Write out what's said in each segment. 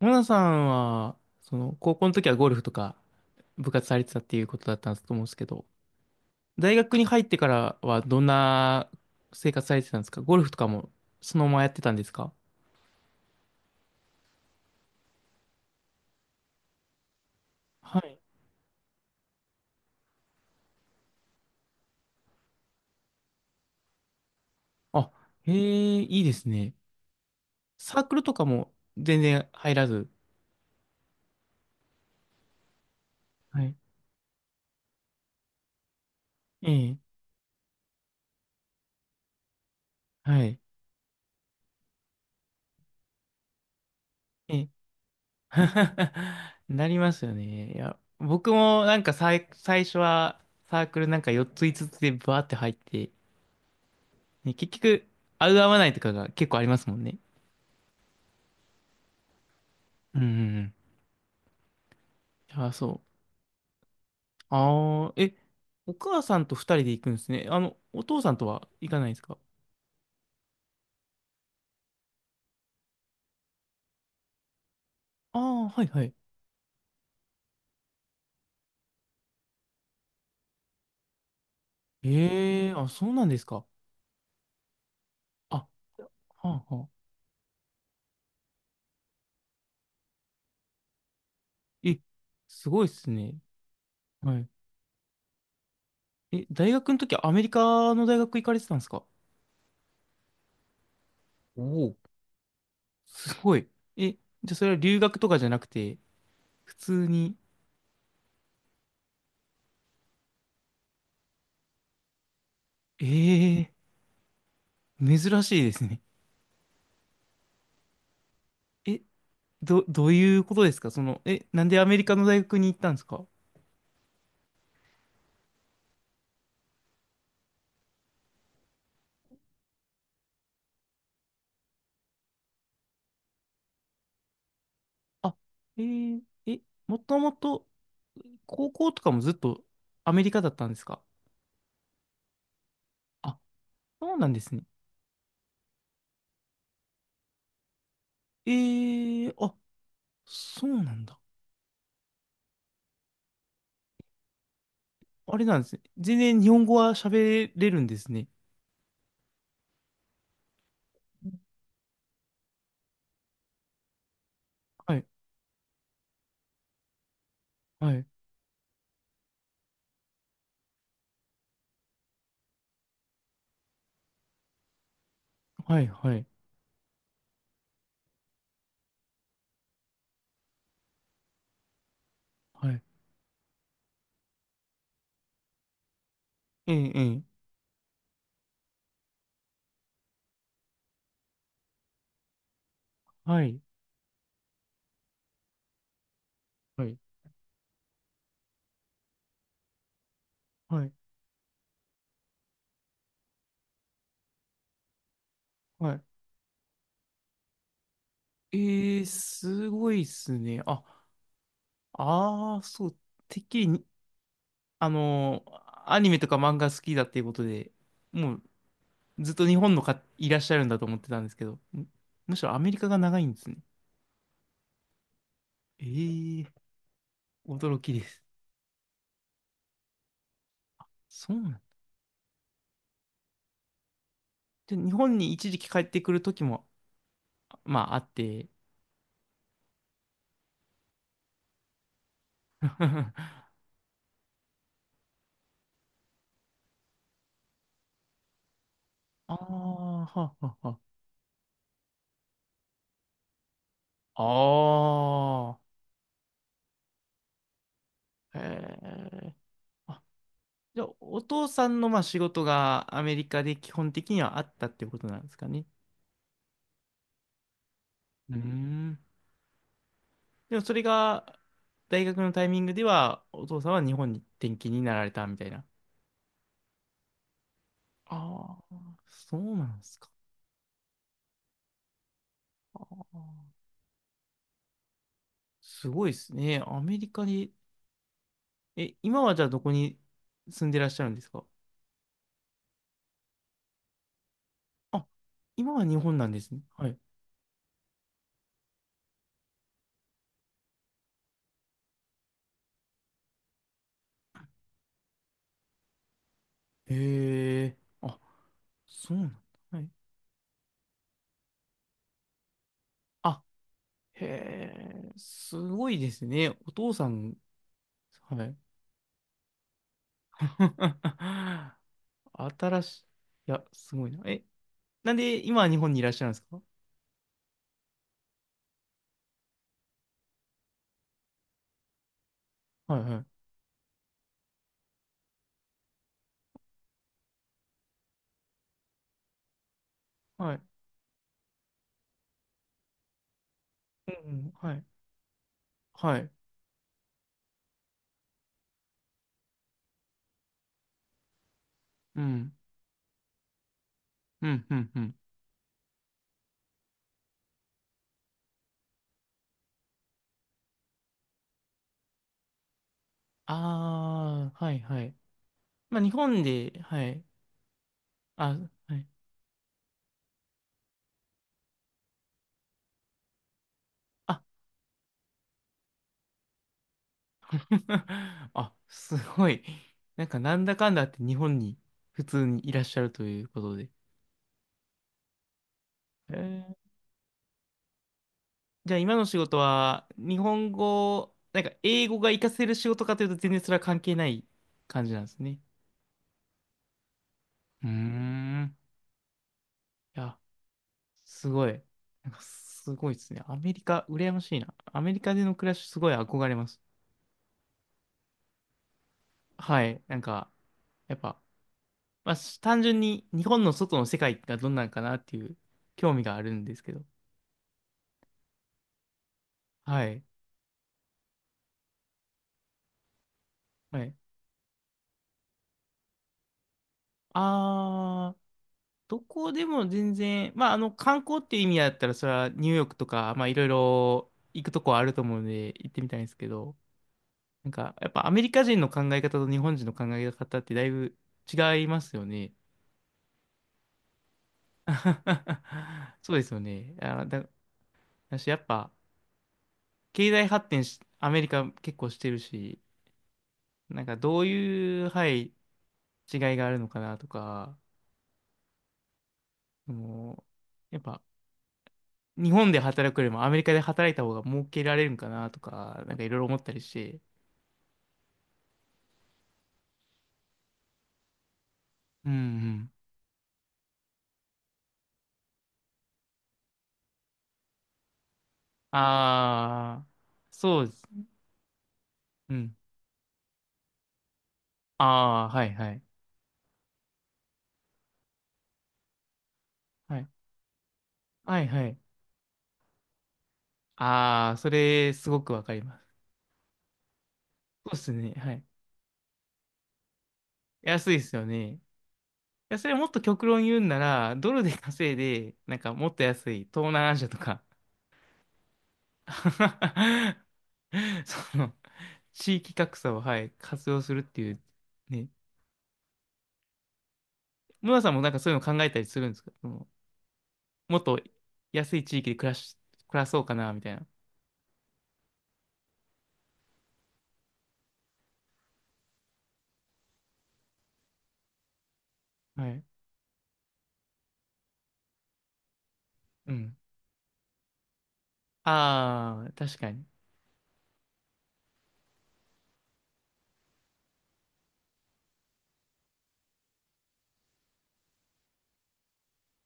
モナさんは、高校の時はゴルフとか部活されてたっていうことだったと思うんですけど、大学に入ってからはどんな生活されてたんですか？ゴルフとかもそのままやってたんですか？はい。あ、へえ、いいですね。サークルとかも全然入らず。はい。ええ。はい。ええ。なりますよね。いや、僕も最初はサークルなんか4つ5つつでバーって入って、ね、結局、合う合わないとかが結構ありますもんね。うんうんうん。ああ、そう。ああ、え、お母さんと二人で行くんですね。お父さんとは行かないですか？ああ、はいはい。ええ、あ、そうなんですか。あ、はあ、はあ。え、すごいっすね。はい。え、大学の時アメリカの大学行かれてたんですか？お、おー。すごい。じゃあそれは留学とかじゃなくて、普通に、ええ、珍しいですね。え、どういうことですか？なんでアメリカの大学に行ったんですか？あ、えー、え、もともと高校とかもずっとアメリカだったんですか？あ、そうなんですね。えー、あ、そうなんだ。あれなんですね。全然日本語は喋れるんですね。はい、はい、はい、はい、はい。ええ、ええ、はい、はい、はい、はい。えー、すごいっすね。あ、ああ、そう、てっきりにあのー、アニメとか漫画好きだっていうことで、もうずっと日本のかいらっしゃるんだと思ってたんですけど、むしろアメリカが長いんですね。ええ、驚きです。そうなんで、日本に一時期帰ってくる時も、まああって、ああ、はあ、はあ、はあ。ああ、へえ。あ、じゃあ、お父さんのまあ仕事がアメリカで基本的にはあったってことなんですかね。うーん。でもそれが、大学のタイミングでは、お父さんは日本に転勤になられたみたいな。ああ、そうなんですか。あー、すごいですね。アメリカに、え、今はじゃあどこに住んでらっしゃるんですか？あ、今は日本なんですね。はい。へえ、あ、そうなんだ。はい。あ、へえ、すごいですね。お父さん、はい。新しい、いや、すごいな。え、なんで今は日本にいらっしゃるんですか？はいはいはい。うんうん、はいはい。うんうんうんうん。ああー、はいはい。まあ日本で、はい。あ、はい。あ。 あ、すごい。なんかなんだかんだあって日本に普通にいらっしゃるということで。えー、じゃあ今の仕事は日本語、なんか英語が活かせる仕事かというと全然それは関係ない感じなんですね。うーん。いや、すごい。なんかすごいですね。アメリカ、羨ましいな。アメリカでの暮らし、すごい憧れます。はい。なんか、やっぱ、まあ、単純に日本の外の世界がどんなんかなっていう興味があるんですけど。はい。はい。あー、どこでも全然、観光っていう意味だったら、それはニューヨークとか、まあ、いろいろ行くとこはあると思うので、行ってみたいんですけど、やっぱアメリカ人の考え方と日本人の考え方ってだいぶ違いますよね。そうですよね。あ、だし、やっぱ、経済発展し、アメリカ結構してるし、なんかどういう、はい、違いがあるのかなとか、その、やっぱ、日本で働くよりもアメリカで働いた方が儲けられるんかなとか、なんかいろいろ思ったりして。うんうん。ああ、そうです。うん。ああ、はいはい。はい。はいはい。ああ、それ、すごくわかります。そうですね。はい。安いですよね。や、それもっと極論言うんなら、ドルで稼いで、なんかもっと安い東南アジアとか、その、地域格差を、はい、活用するっていう、ね。ムラさんもなんかそういうの考えたりするんですか？その、もっと安い地域で暮らし、暮らそうかな、みたいな。はい。うん。ああ、確かに。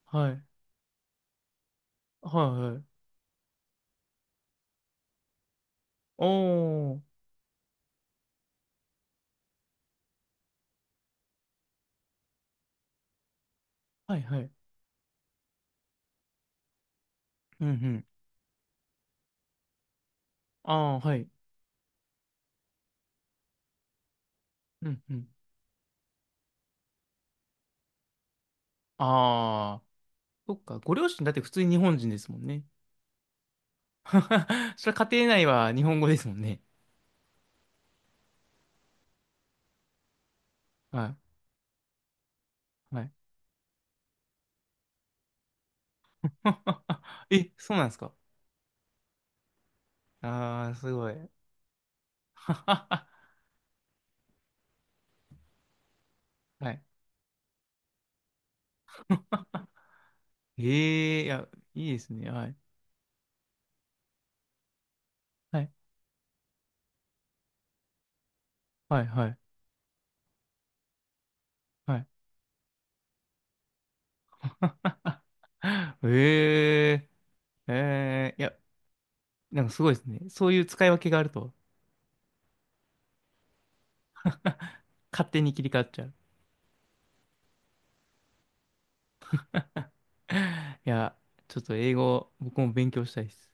はい。はいはい。おー。はいはい。うんうん。ああ、はい。うんうん。ああ、そっか。ご両親だって普通に日本人ですもんね。それ家庭内は日本語ですもんね。はい。はい。え、そうなんですか？ああー、すごい。はい。ええ、いや、いいですね。はい。はい。はい。はい。はい、あ。 ええ、ええ、いや、なんかすごいですね。そういう使い分けがあると、勝手に切り替わっちゃう。いや、ちょっと英語、僕も勉強したいです。